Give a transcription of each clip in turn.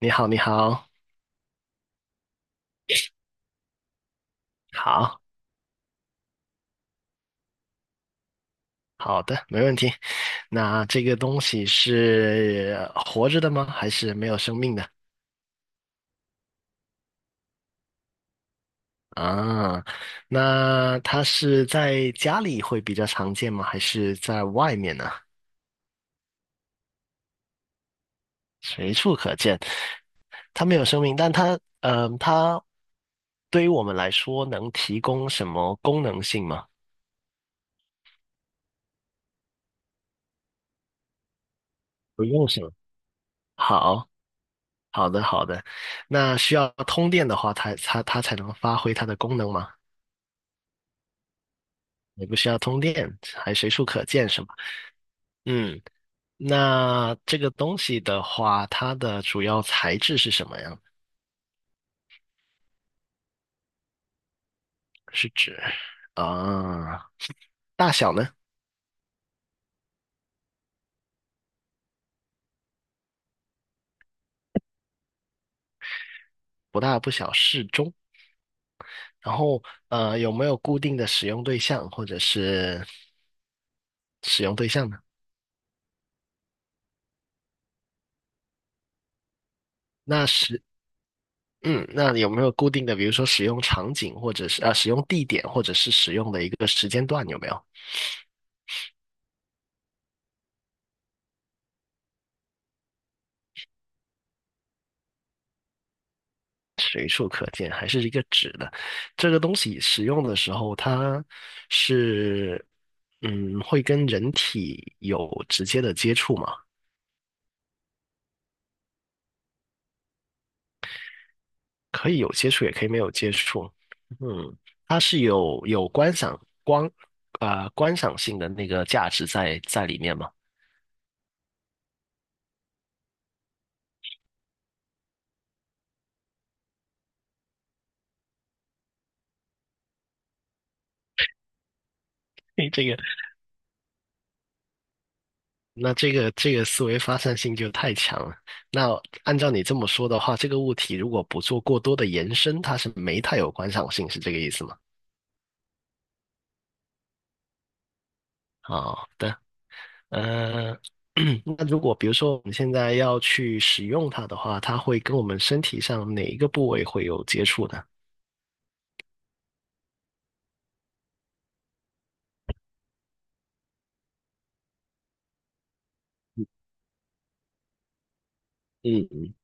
你好，你好，好好的，没问题。那这个东西是活着的吗？还是没有生命的？啊，那它是在家里会比较常见吗？还是在外面呢？随处可见。它没有生命，但它对于我们来说能提供什么功能性吗？不用是么。好，好的，好的。那需要通电的话，它才能发挥它的功能吗？也不需要通电，还随处可见，是吗？嗯，那这个东西的话，它的主要材质是什么呀？是指啊，大小呢？不大不小，适中。然后有没有固定的使用对象或者是使用对象呢？那是嗯，那有没有固定的，比如说使用场景或者是啊使用地点或者是使用的一个时间段有没有？随处可见，还是一个纸的。这个东西使用的时候，它是嗯会跟人体有直接的接触嘛？可以有接触，也可以没有接触。嗯，它是有观赏光观赏性的那个价值在里面嘛？嘿这个 那这个思维发散性就太强了。那按照你这么说的话，这个物体如果不做过多的延伸，它是没太有观赏性，是这个意思吗？啊、对。呃，那如果比如说我们现在要去使用它的话，它会跟我们身体上哪一个部位会有接触呢？嗯嗯。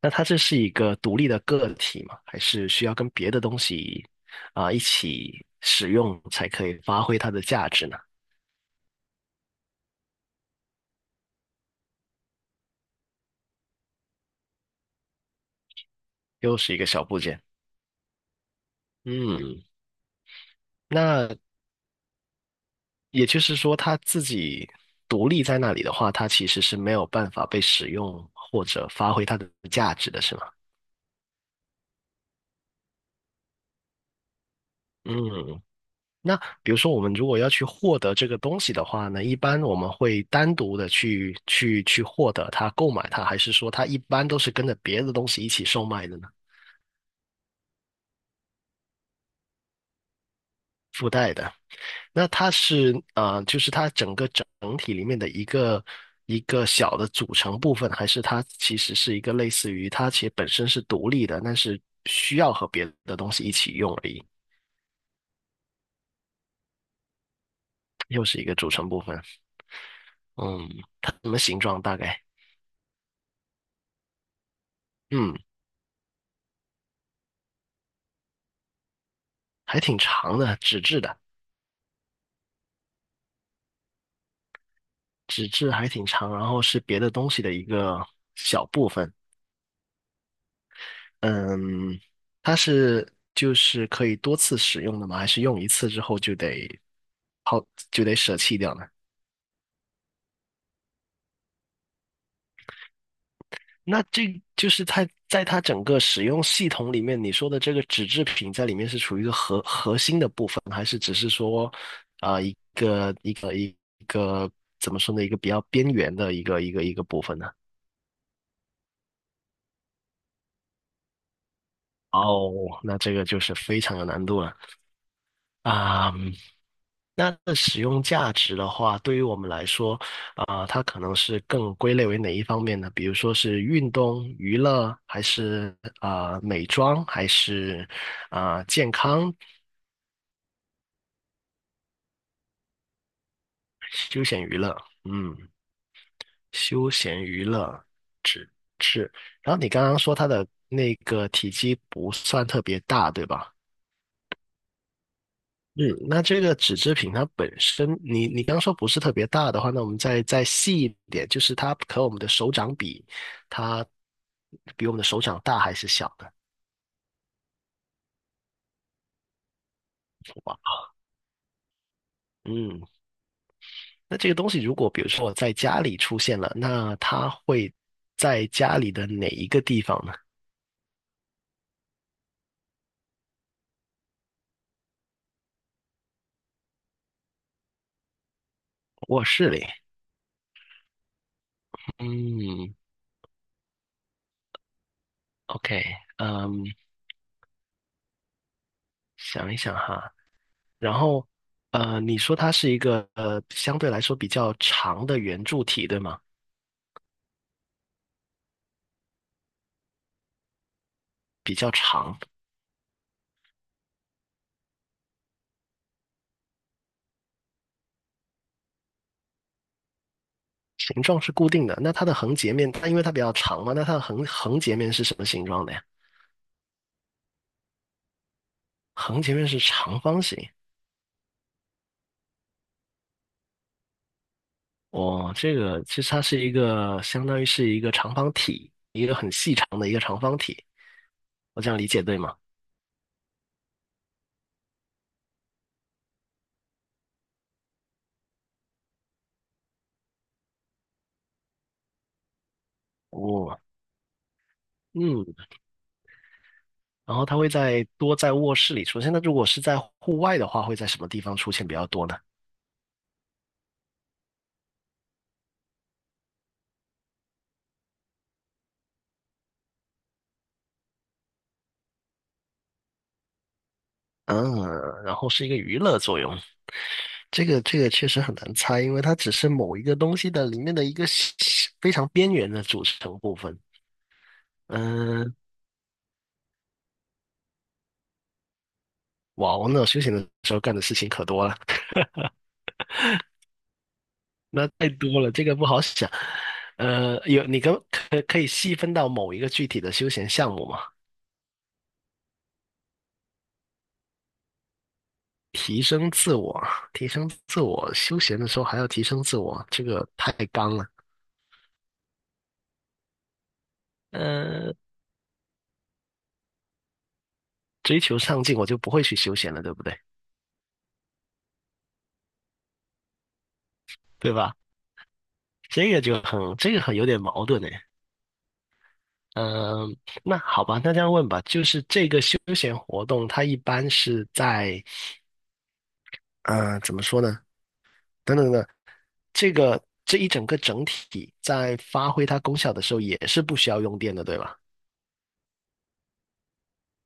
那它这是一个独立的个体吗？还是需要跟别的东西啊、一起使用才可以发挥它的价值呢？又是一个小部件。嗯，那也就是说，它自己独立在那里的话，它其实是没有办法被使用或者发挥它的价值的，是吗？嗯，那比如说，我们如果要去获得这个东西的话呢，一般我们会单独的去获得它、购买它，还是说它一般都是跟着别的东西一起售卖的呢？附带的，那它是就是它整个整体里面的一个小的组成部分，还是它其实是一个类似于它其实本身是独立的，但是需要和别的东西一起用而已，又是一个组成部分。嗯，它什么形状大概？嗯，还挺长的，纸质的。纸质还挺长，然后是别的东西的一个小部分。嗯，它是就是可以多次使用的吗？还是用一次之后抛就得舍弃掉呢？那这就是它在它整个使用系统里面，你说的这个纸制品在里面是处于一个核心的部分，还是只是说啊、一个怎么说呢？一个比较边缘的一个部分呢？哦，那这个就是非常有难度了啊！嗯那的使用价值的话，对于我们来说，啊、它可能是更归类为哪一方面呢？比如说是运动、娱乐，还是啊、美妆，还是啊、健康、休闲娱乐？嗯，休闲娱乐是。然后你刚刚说它的那个体积不算特别大，对吧？嗯，那这个纸制品它本身，你刚说不是特别大的话，那我们再细一点，就是它和我们的手掌比，它比我们的手掌大还是小的，对吧？嗯，那这个东西如果比如说我在家里出现了，那它会在家里的哪一个地方呢？卧室里。嗯，OK，嗯，想一想哈，然后你说它是一个相对来说比较长的圆柱体，对吗？比较长。形状是固定的，那它的横截面，它因为它比较长嘛，那它的横截面是什么形状的呀？横截面是长方形。哦，这个其实它是一个相当于是一个长方体，一个很细长的一个长方体。我这样理解对吗？哦，嗯，然后它会在多在卧室里出现。那如果是在户外的话，会在什么地方出现比较多呢？嗯，然后是一个娱乐作用。这个确实很难猜，因为它只是某一个东西的里面的一个小非常边缘的组成部分。嗯，哇，我那种休闲的时候干的事情可多了，那太多了，这个不好想。呃，有你跟可以细分到某一个具体的休闲项目吗？提升自我，提升自我，休闲的时候还要提升自我，这个太刚了。呃，追求上进，我就不会去休闲了，对不对？对吧？这个就很，这个很有点矛盾哎。嗯，那好吧，那这样问吧，就是这个休闲活动，它一般是在，呃，怎么说呢？等等，这个这一整个整体在发挥它功效的时候，也是不需要用电的，对吧？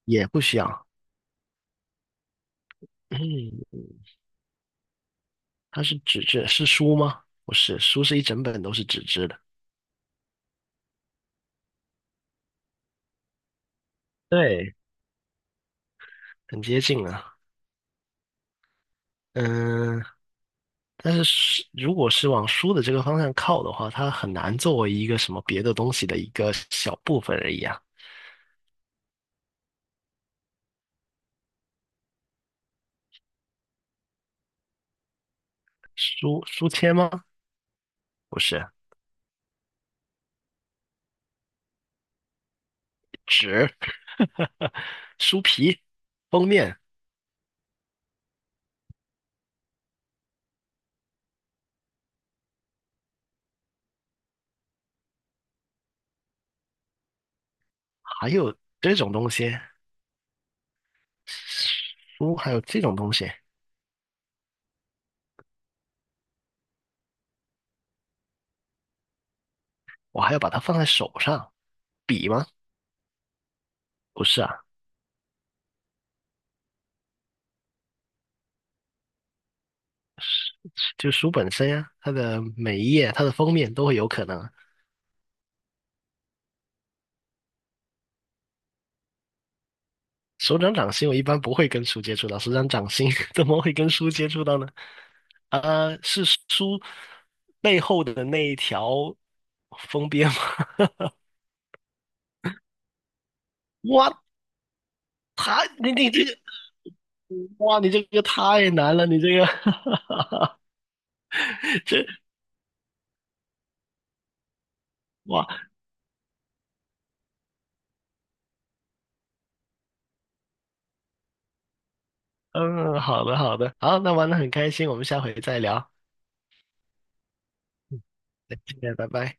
也不需要。嗯，它是纸质，是书吗？不是，书是一整本都是纸质的。对，很接近啊。嗯，但是是如果是往书的这个方向靠的话，它很难作为一个什么别的东西的一个小部分而已啊。书签吗？不是，纸，书皮、封面，还有这种东西，书还有这种东西，我还要把它放在手上。笔吗？不是啊，就书本身呀、它的每一页、它的封面都会有可能啊手掌掌心我一般不会跟书接触到，手掌掌心 怎么会跟书接触到呢？呃，是书背后的那一条封边吗？哇，你这个，哇，你这个太难了，你这个 这哇，嗯，好的好的，好，那玩的很开心，我们下回再聊。再见，拜拜。